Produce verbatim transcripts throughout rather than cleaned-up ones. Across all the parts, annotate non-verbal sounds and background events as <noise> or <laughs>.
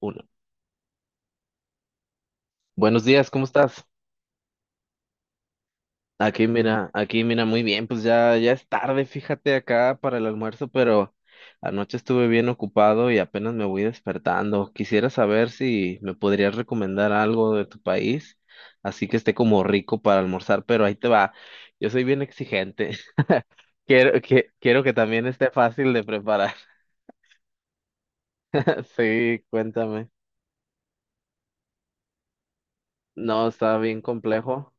Uno. Buenos días, ¿cómo estás? Aquí mira, aquí mira, muy bien, pues ya, ya es tarde, fíjate acá para el almuerzo, pero anoche estuve bien ocupado y apenas me voy despertando. Quisiera saber si me podrías recomendar algo de tu país, así que esté como rico para almorzar, pero ahí te va. Yo soy bien exigente. <laughs> Quiero que, quiero que también esté fácil de preparar. <laughs> Sí, cuéntame. No, está bien complejo.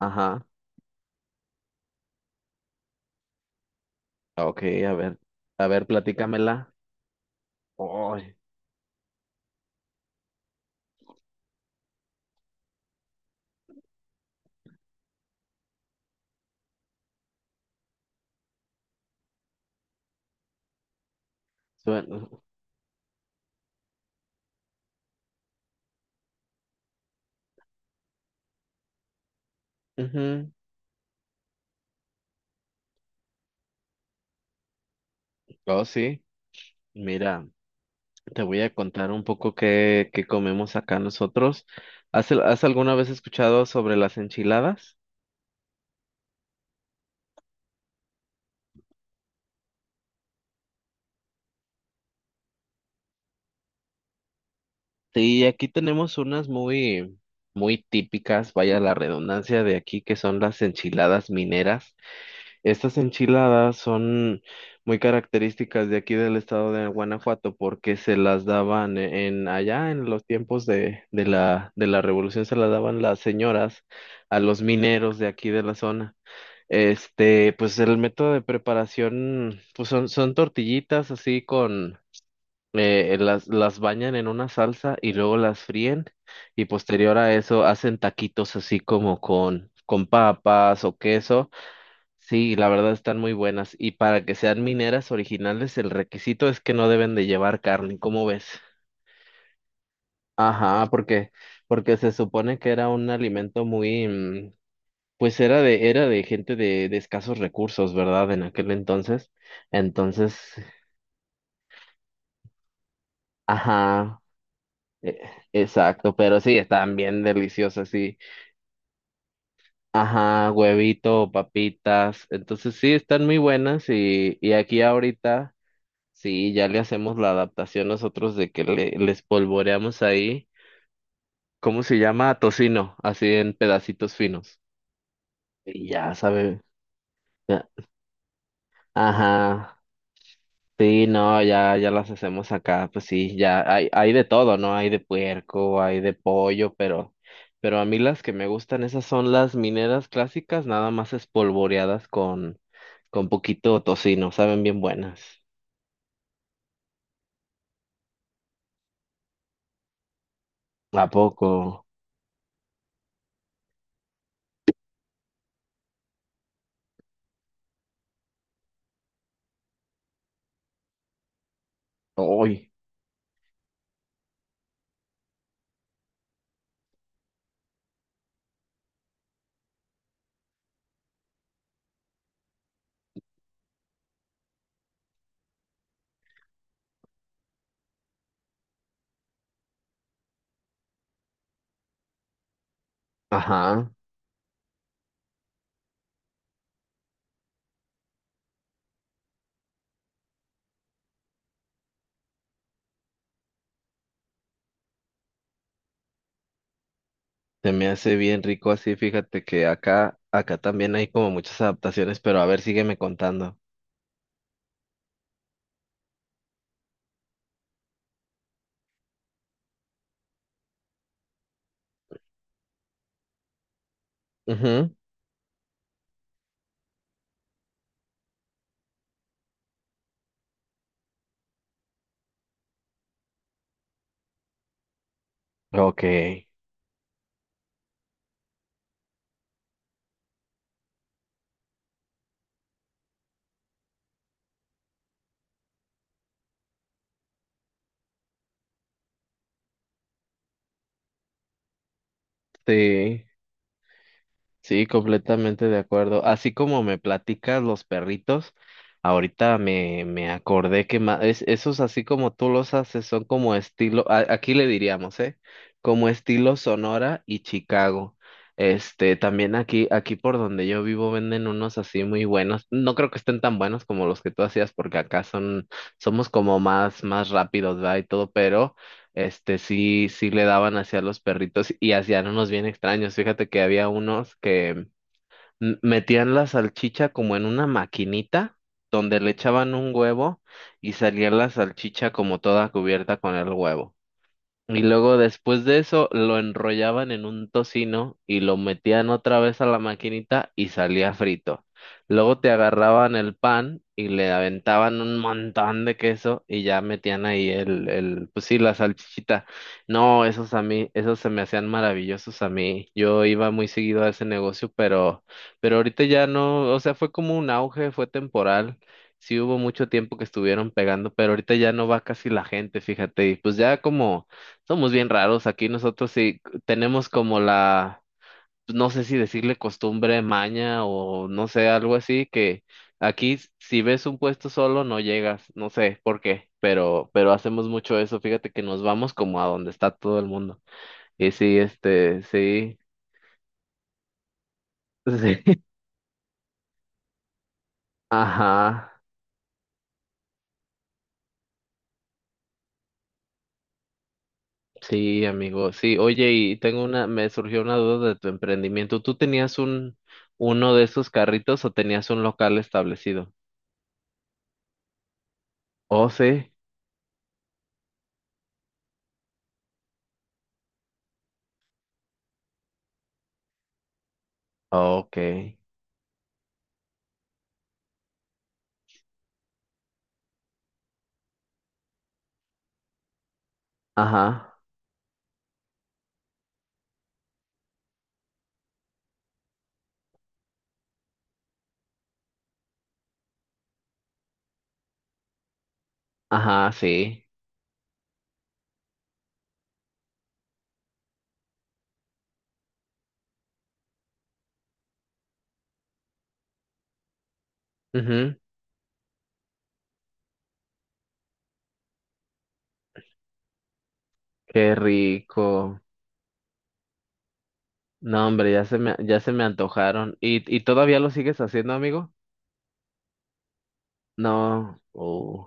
Ajá. Ok, a ver, a ver, platícamela. Ay. Suena. Ujú. Oh, sí. Mira, te voy a contar un poco qué, qué comemos acá nosotros. ¿Has, has alguna vez escuchado sobre las enchiladas? Sí, aquí tenemos unas muy, muy típicas, vaya la redundancia de aquí, que son las enchiladas mineras. Estas enchiladas son muy características de aquí del estado de Guanajuato porque se las daban e, en allá en los tiempos de, de la, de la revolución se las daban las señoras a los mineros de aquí de la zona. Este, pues el método de preparación, pues son, son tortillitas así con, eh, las, las bañan en una salsa y luego las fríen, y posterior a eso hacen taquitos así como con, con papas o queso. Sí, la verdad están muy buenas. Y para que sean mineras originales, el requisito es que no deben de llevar carne, ¿cómo ves? Ajá, porque, porque se supone que era un alimento muy, mm, pues era de, era de gente de, de escasos recursos, ¿verdad? En aquel entonces. Entonces, ajá, e- exacto, pero sí, estaban bien deliciosas, sí. Ajá, huevito, papitas. Entonces sí, están muy buenas y, y aquí ahorita. Sí, ya le hacemos la adaptación nosotros de que le, les polvoreamos ahí, ¿cómo se llama? Tocino, así en pedacitos finos. Y ya sabe, ya- ajá, sí, no, ya, ya las hacemos acá, pues sí, ya hay, hay de todo, ¿no? Hay de puerco, hay de pollo, pero, pero a mí las que me gustan, esas son las mineras clásicas, nada más espolvoreadas con, con poquito tocino, saben bien buenas. ¿A poco? Uy, ajá. Se me hace bien rico así, fíjate que acá, acá también hay como muchas adaptaciones, pero a ver, sígueme contando. Ujú. Ok, sí. Sí, completamente de acuerdo. Así como me platicas los perritos, ahorita me, me acordé que ma- es, esos así como tú los haces son como estilo, a- aquí le diríamos, ¿eh? Como estilo Sonora y Chicago. Este, también aquí, aquí por donde yo vivo venden unos así muy buenos. No creo que estén tan buenos como los que tú hacías, porque acá son, somos como más, más rápidos, ¿verdad? Y todo, pero este sí, sí le daban hacia los perritos y hacían unos bien extraños. Fíjate que había unos que m- metían la salchicha como en una maquinita donde le echaban un huevo y salía la salchicha como toda cubierta con el huevo. Y luego después de eso lo enrollaban en un tocino y lo metían otra vez a la maquinita y salía frito. Luego te agarraban el pan y le aventaban un montón de queso y ya metían ahí el, el, pues sí, la salchichita. No, esos a mí, esos se me hacían maravillosos a mí. Yo iba muy seguido a ese negocio, pero, pero ahorita ya no, o sea, fue como un auge, fue temporal. Sí hubo mucho tiempo que estuvieron pegando, pero ahorita ya no va casi la gente, fíjate, y pues ya como somos bien raros aquí nosotros, sí tenemos como la, no sé si decirle costumbre, maña o no sé, algo así, que aquí s- si ves un puesto solo no llegas, no sé por qué, pero, pero hacemos mucho eso, fíjate que nos vamos como a donde está todo el mundo. Y sí, este, sí, <laughs> sí, ajá, sí, amigo, sí, oye, y tengo una, me surgió una duda de tu emprendimiento. ¿Tú tenías un, uno de esos carritos o tenías un local establecido? Oh, sí. Ok. Ajá, ajá, sí. Ujú. Qué rico. No, hombre, ya se me, ya se me antojaron. ¿Y, y todavía lo sigues haciendo, amigo? No. Uh,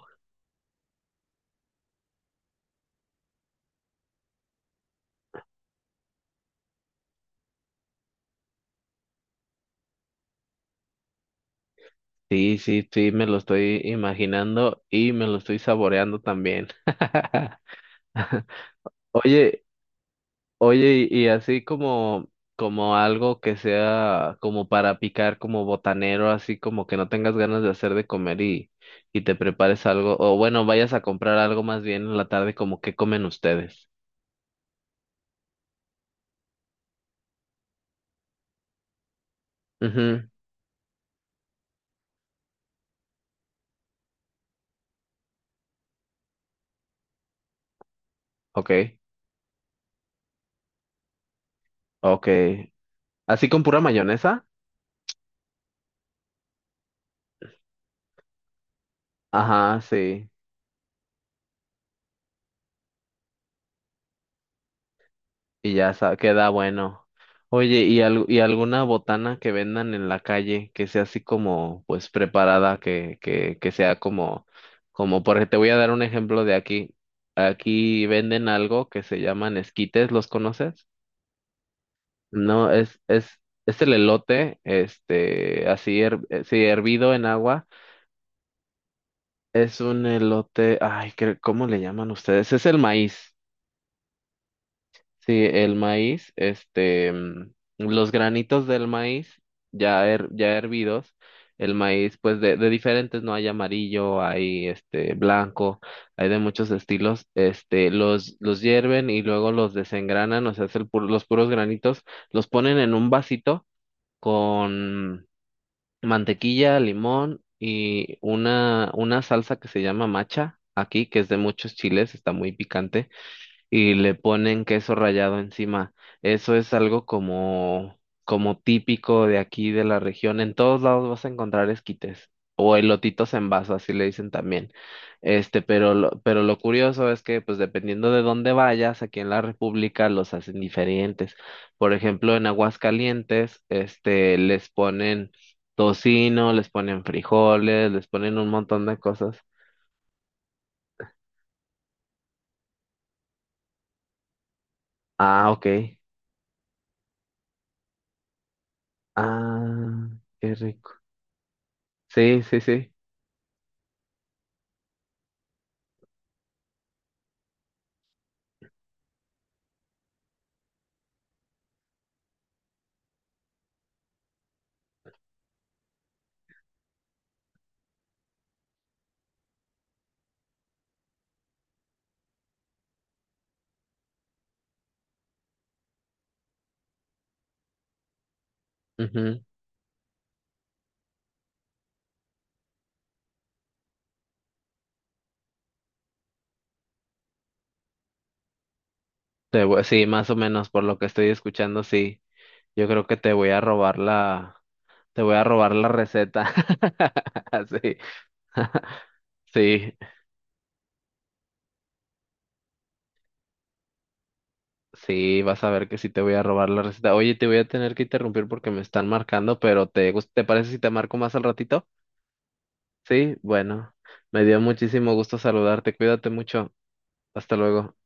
sí, sí, sí, me lo estoy imaginando y me lo estoy saboreando también. <laughs> Oye. Oye, y, y así como, como algo que sea como para picar, como botanero, así como que no tengas ganas de hacer de comer y, y te prepares algo, o bueno, vayas a comprar algo más bien en la tarde, como qué comen ustedes. Mhm. Okay, okay. ¿Así con pura mayonesa? Ajá, sí. Y ya sa- queda bueno. Oye, ¿y, al- y alguna botana que vendan en la calle que sea así como, pues, preparada, que, que, que sea como, como, porque te voy a dar un ejemplo de aquí. Aquí venden algo que se llaman esquites, ¿los conoces? No, es, es, es el elote, este, así, her- eh, sí, hervido en agua. Es un elote, ay, creo- ¿cómo le llaman ustedes? Es el maíz. Sí, el maíz, este, mm, los granitos del maíz ya, her- ya hervidos, el maíz pues de, de diferentes, ¿no? Hay amarillo, hay este blanco, hay de muchos estilos, este, los, los hierven y luego los desengranan, o sea, es el pu- los puros granitos, los ponen en un vasito con mantequilla, limón y una, una salsa que se llama macha aquí, que es de muchos chiles, está muy picante y le ponen queso rallado encima. Eso es algo como, como típico de aquí de la región. En todos lados vas a encontrar esquites o elotitos en vaso, así le dicen también. Este, pero lo, pero lo curioso es que, pues dependiendo de dónde vayas, aquí en la República los hacen diferentes. Por ejemplo, en Aguascalientes, este, les ponen tocino, les ponen frijoles, les ponen un montón de cosas. Ah, ok. Ah, qué rico. Sí, sí, sí. Ujú. Te voy- sí, más o menos por lo que estoy escuchando, sí. Yo creo que te voy a robar la, te voy a robar la receta. <laughs> Sí. <laughs> Sí, sí, vas a ver que sí te voy a robar la receta. Oye, te voy a tener que interrumpir porque me están marcando, pero ¿te gus- te parece si te marco más al ratito? Sí, bueno. Me dio muchísimo gusto saludarte. Cuídate mucho. Hasta luego.